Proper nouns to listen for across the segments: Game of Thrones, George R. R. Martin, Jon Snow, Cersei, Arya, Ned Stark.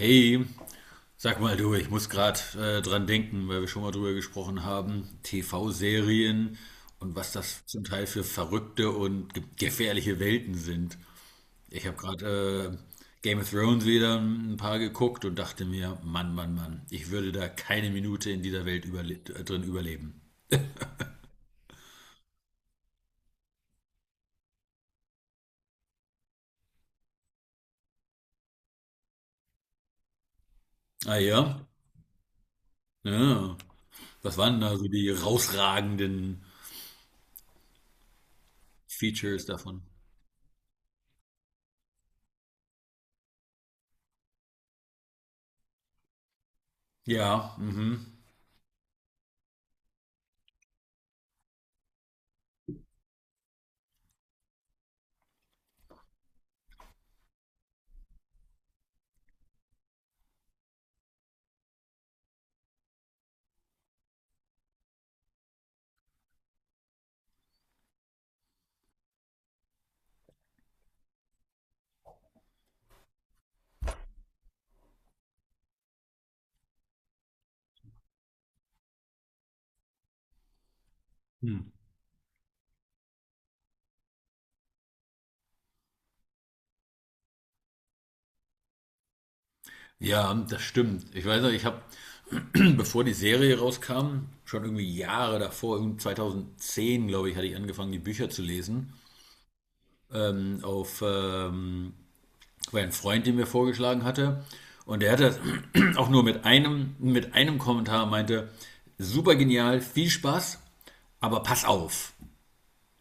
Hey, sag mal du, ich muss gerade dran denken, weil wir schon mal drüber gesprochen haben, TV-Serien und was das zum Teil für verrückte und ge gefährliche Welten sind. Ich habe gerade Game of Thrones wieder ein paar geguckt und dachte mir, Mann, Mann, Mann, ich würde da keine Minute in dieser Welt überle drin überleben. Ah ja? Ja. Was waren da so die rausragenden Features davon? Ja, mhm. Ja, das stimmt. Ich weiß noch, ich habe bevor die Serie rauskam, schon irgendwie Jahre davor, irgendwie 2010, glaube ich, hatte ich angefangen, die Bücher zu lesen. Auf War ein Freund, den mir vorgeschlagen hatte. Und der hatte auch nur mit einem Kommentar meinte, super genial, viel Spaß, aber pass auf.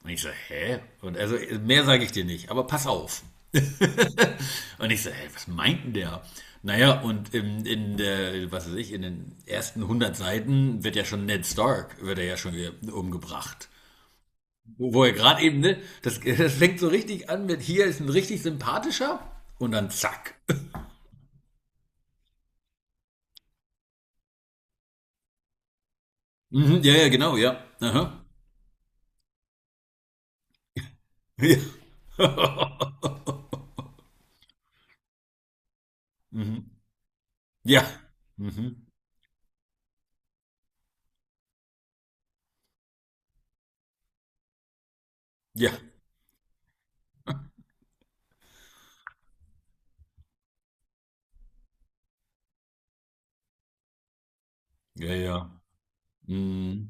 Und ich so, hä? Und also, mehr sage ich dir nicht, aber pass auf. Und ich so, hä, was meint denn der? Naja, und in der, was weiß ich, in den ersten 100 Seiten wird ja schon Ned Stark, wird er ja schon umgebracht. Wo er gerade eben, ne, das, das fängt so richtig an mit, hier ist ein richtig sympathischer und dann zack. Mhm, ja, ja, genau, ja. Aha. Ja. Mhm. Ja. Mhm. Ja. Ja, ja. Mhm.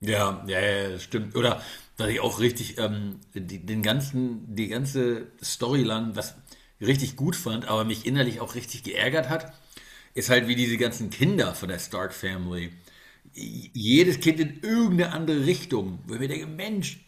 Ja, ja, ja, das stimmt. Oder was ich auch richtig die ganze Storyline, was ich richtig gut fand, aber mich innerlich auch richtig geärgert hat, ist halt wie diese ganzen Kinder von der Stark Family jedes Kind in irgendeine andere Richtung. Wo ich mir denke, Mensch,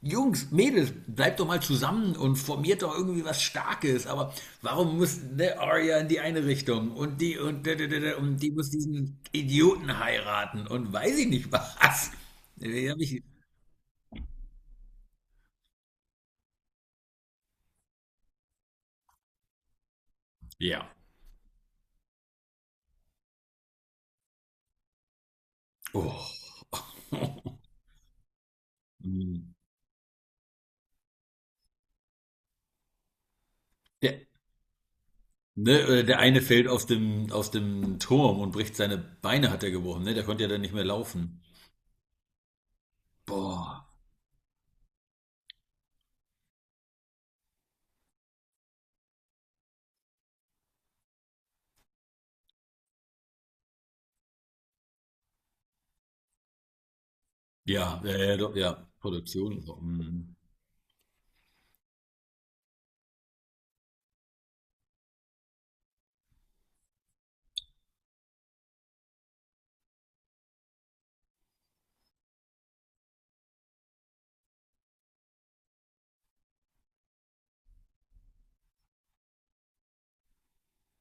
Jungs, Mädels, bleibt doch mal zusammen und formiert doch irgendwie was Starkes. Aber warum muss der Arya in die eine Richtung und die und, und die muss diesen Idioten heiraten und weiß ich nicht was. Da hab ich, ja. Oh. Der, ne, der eine fällt aus dem, Turm und bricht seine Beine, hat er gebrochen. Ne? Der konnte ja dann nicht mehr laufen. Boah. Ja, ja, ja, ja, doch, ja, Produktion, und so, mhm.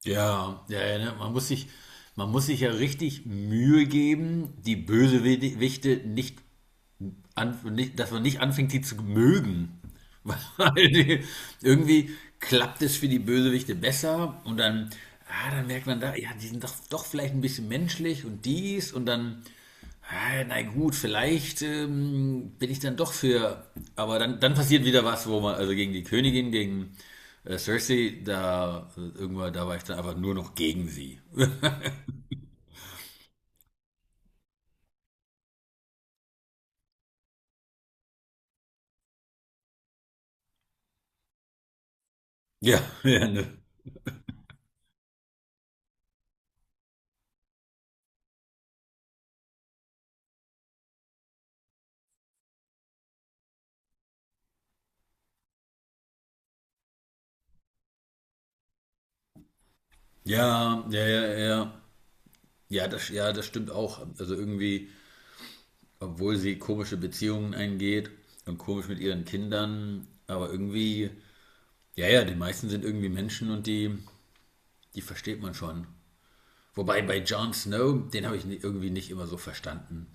Ja, ja, ja, ne, man muss sich ja richtig Mühe geben, die Bösewichte nicht nicht, dass man nicht anfängt, die zu mögen. Weil die, irgendwie klappt es für die Bösewichte besser und dann, ah, dann merkt man da, ja, die sind doch, doch vielleicht ein bisschen menschlich und dies und dann, ah, na gut, vielleicht bin ich dann doch für, aber dann passiert wieder was, wo man, also gegen die Königin, gegen Cersei, da irgendwann, da war ich dann einfach nur noch gegen sie. Ja, ja, ne. Ja, ja, ja, ja, ja, das stimmt auch. Also irgendwie obwohl sie komische Beziehungen eingeht und komisch mit ihren Kindern, aber irgendwie, ja, ja, die meisten sind irgendwie Menschen und die, die versteht man schon. Wobei bei Jon Snow, den habe ich irgendwie nicht immer so verstanden,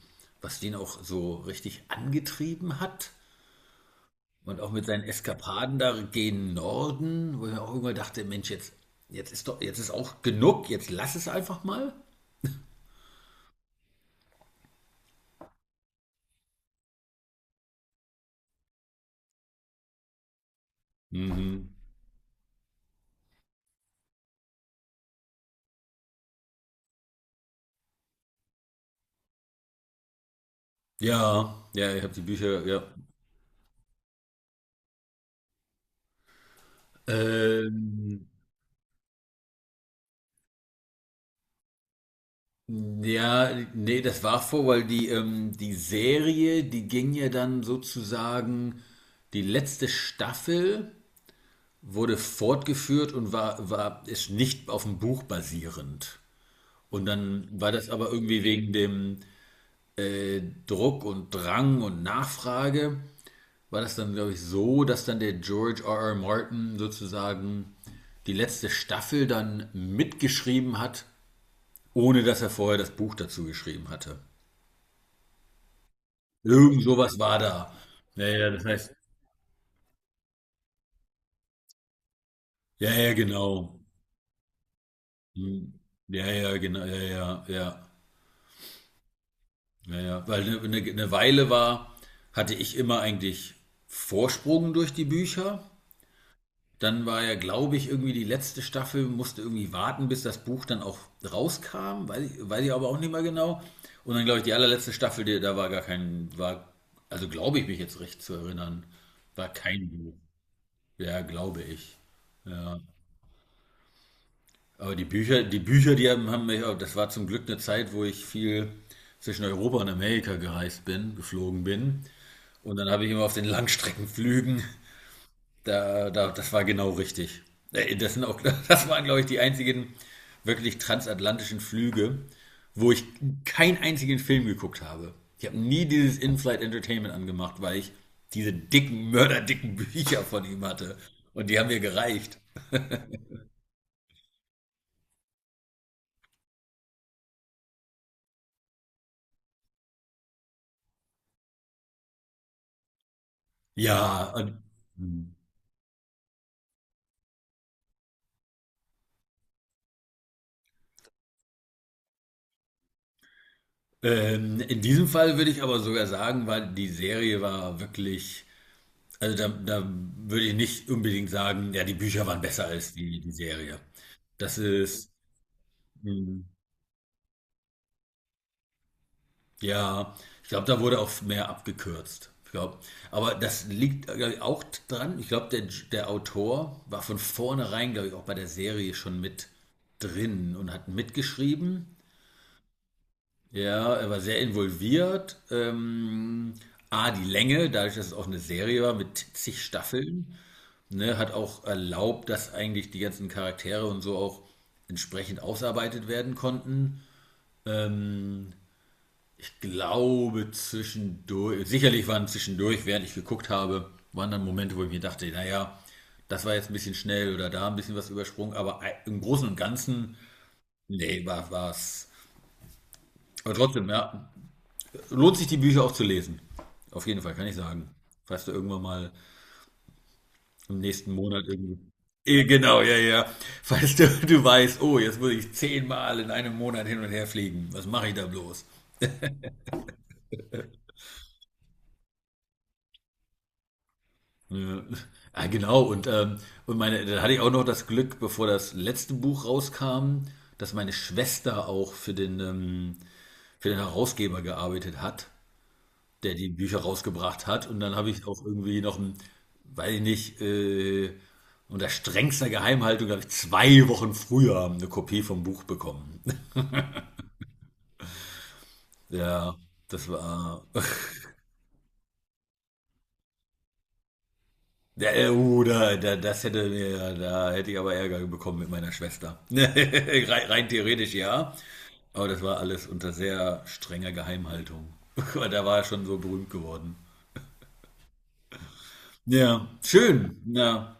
was den auch so richtig angetrieben hat und auch mit seinen Eskapaden da gegen Norden, wo ich mir auch irgendwann dachte, Mensch, jetzt ist auch genug, jetzt lass es einfach mal. Mhm. Ja, ja, ich habe die Bücher, ja. Ähm, Ja, nee, das war vor, weil die, die Serie, die ging ja dann sozusagen, die letzte Staffel wurde fortgeführt und ist nicht auf dem Buch basierend. Und dann war das aber irgendwie wegen dem Druck und Drang und Nachfrage, war das dann, glaube ich, so, dass dann der George R. R. Martin sozusagen die letzte Staffel dann mitgeschrieben hat, ohne dass er vorher das Buch dazu geschrieben hatte. Irgend sowas war da. Ja, ja, das heißt, ja, ja, genau. Hm. Ja, ja, genau, ja, ja, ja, ja, ja. Weil eine Weile hatte ich immer eigentlich Vorsprung durch die Bücher. Dann war ja, glaube ich, irgendwie die letzte Staffel, musste irgendwie warten, bis das Buch dann auch rauskam, weiß ich aber auch nicht mehr genau. Und dann, glaube ich, die allerletzte Staffel, die, da war gar kein, also glaube ich mich jetzt recht zu erinnern, war kein Buch. Ja, glaube ich. Ja. Aber die Bücher, die haben mich, das war zum Glück eine Zeit, wo ich viel zwischen Europa und Amerika gereist bin, geflogen bin. Und dann habe ich immer auf den Langstreckenflügen, das war genau richtig. Das sind auch, das waren, glaube ich, die einzigen wirklich transatlantischen Flüge, wo ich keinen einzigen Film geguckt habe. Ich habe nie dieses In-Flight Entertainment angemacht, weil ich diese dicken, mörderdicken Bücher von ihm hatte. Und die haben mir gereicht. Ja, und hm. In diesem Fall würde ich aber sogar sagen, weil die Serie war wirklich, also da würde ich nicht unbedingt sagen, ja, die Bücher waren besser als die Serie. Das ist, mh, ja, ich glaube, da wurde auch mehr abgekürzt. Ich glaube, aber das liegt, glaub ich, auch dran. Ich glaube, der Autor war von vornherein, glaube ich, auch bei der Serie schon mit drin und hat mitgeschrieben. Ja, er war sehr involviert. Die Länge, dadurch, dass es auch eine Serie war mit zig Staffeln, ne, hat auch erlaubt, dass eigentlich die ganzen Charaktere und so auch entsprechend ausarbeitet werden konnten. Ähm, Ich glaube, zwischendurch, sicherlich waren zwischendurch, während ich geguckt habe, waren dann Momente, wo ich mir dachte, naja, das war jetzt ein bisschen schnell oder da ein bisschen was übersprungen, aber im Großen und Ganzen, nee, war es. Aber trotzdem, ja, lohnt sich die Bücher auch zu lesen. Auf jeden Fall, kann ich sagen. Falls du irgendwann mal im nächsten Monat irgendwie. Genau, ja, ja. Falls du, du weißt, oh, jetzt muss ich 10-mal in einem Monat hin und her fliegen. Was mache ich da bloß? Ja, ah, genau. Und meine, dann hatte ich auch noch das Glück, bevor das letzte Buch rauskam, dass meine Schwester auch für den Herausgeber gearbeitet hat, der die Bücher rausgebracht hat. Und dann habe ich auch irgendwie noch ein, weiß ich nicht, unter strengster Geheimhaltung habe ich 2 Wochen früher eine Kopie vom Buch bekommen. Ja, das war. Ja, da, das hätte mir, da hätte ich aber Ärger bekommen mit meiner Schwester. rein theoretisch ja. Aber das war alles unter sehr strenger Geheimhaltung. Aber da war er schon so berühmt geworden. Ja, schön. Ja,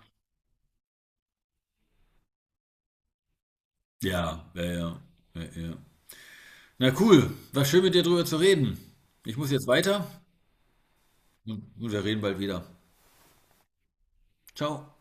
ja, ja, ja. Ja, ja. Na cool, war schön mit dir drüber zu reden. Ich muss jetzt weiter und wir reden bald wieder. Ciao.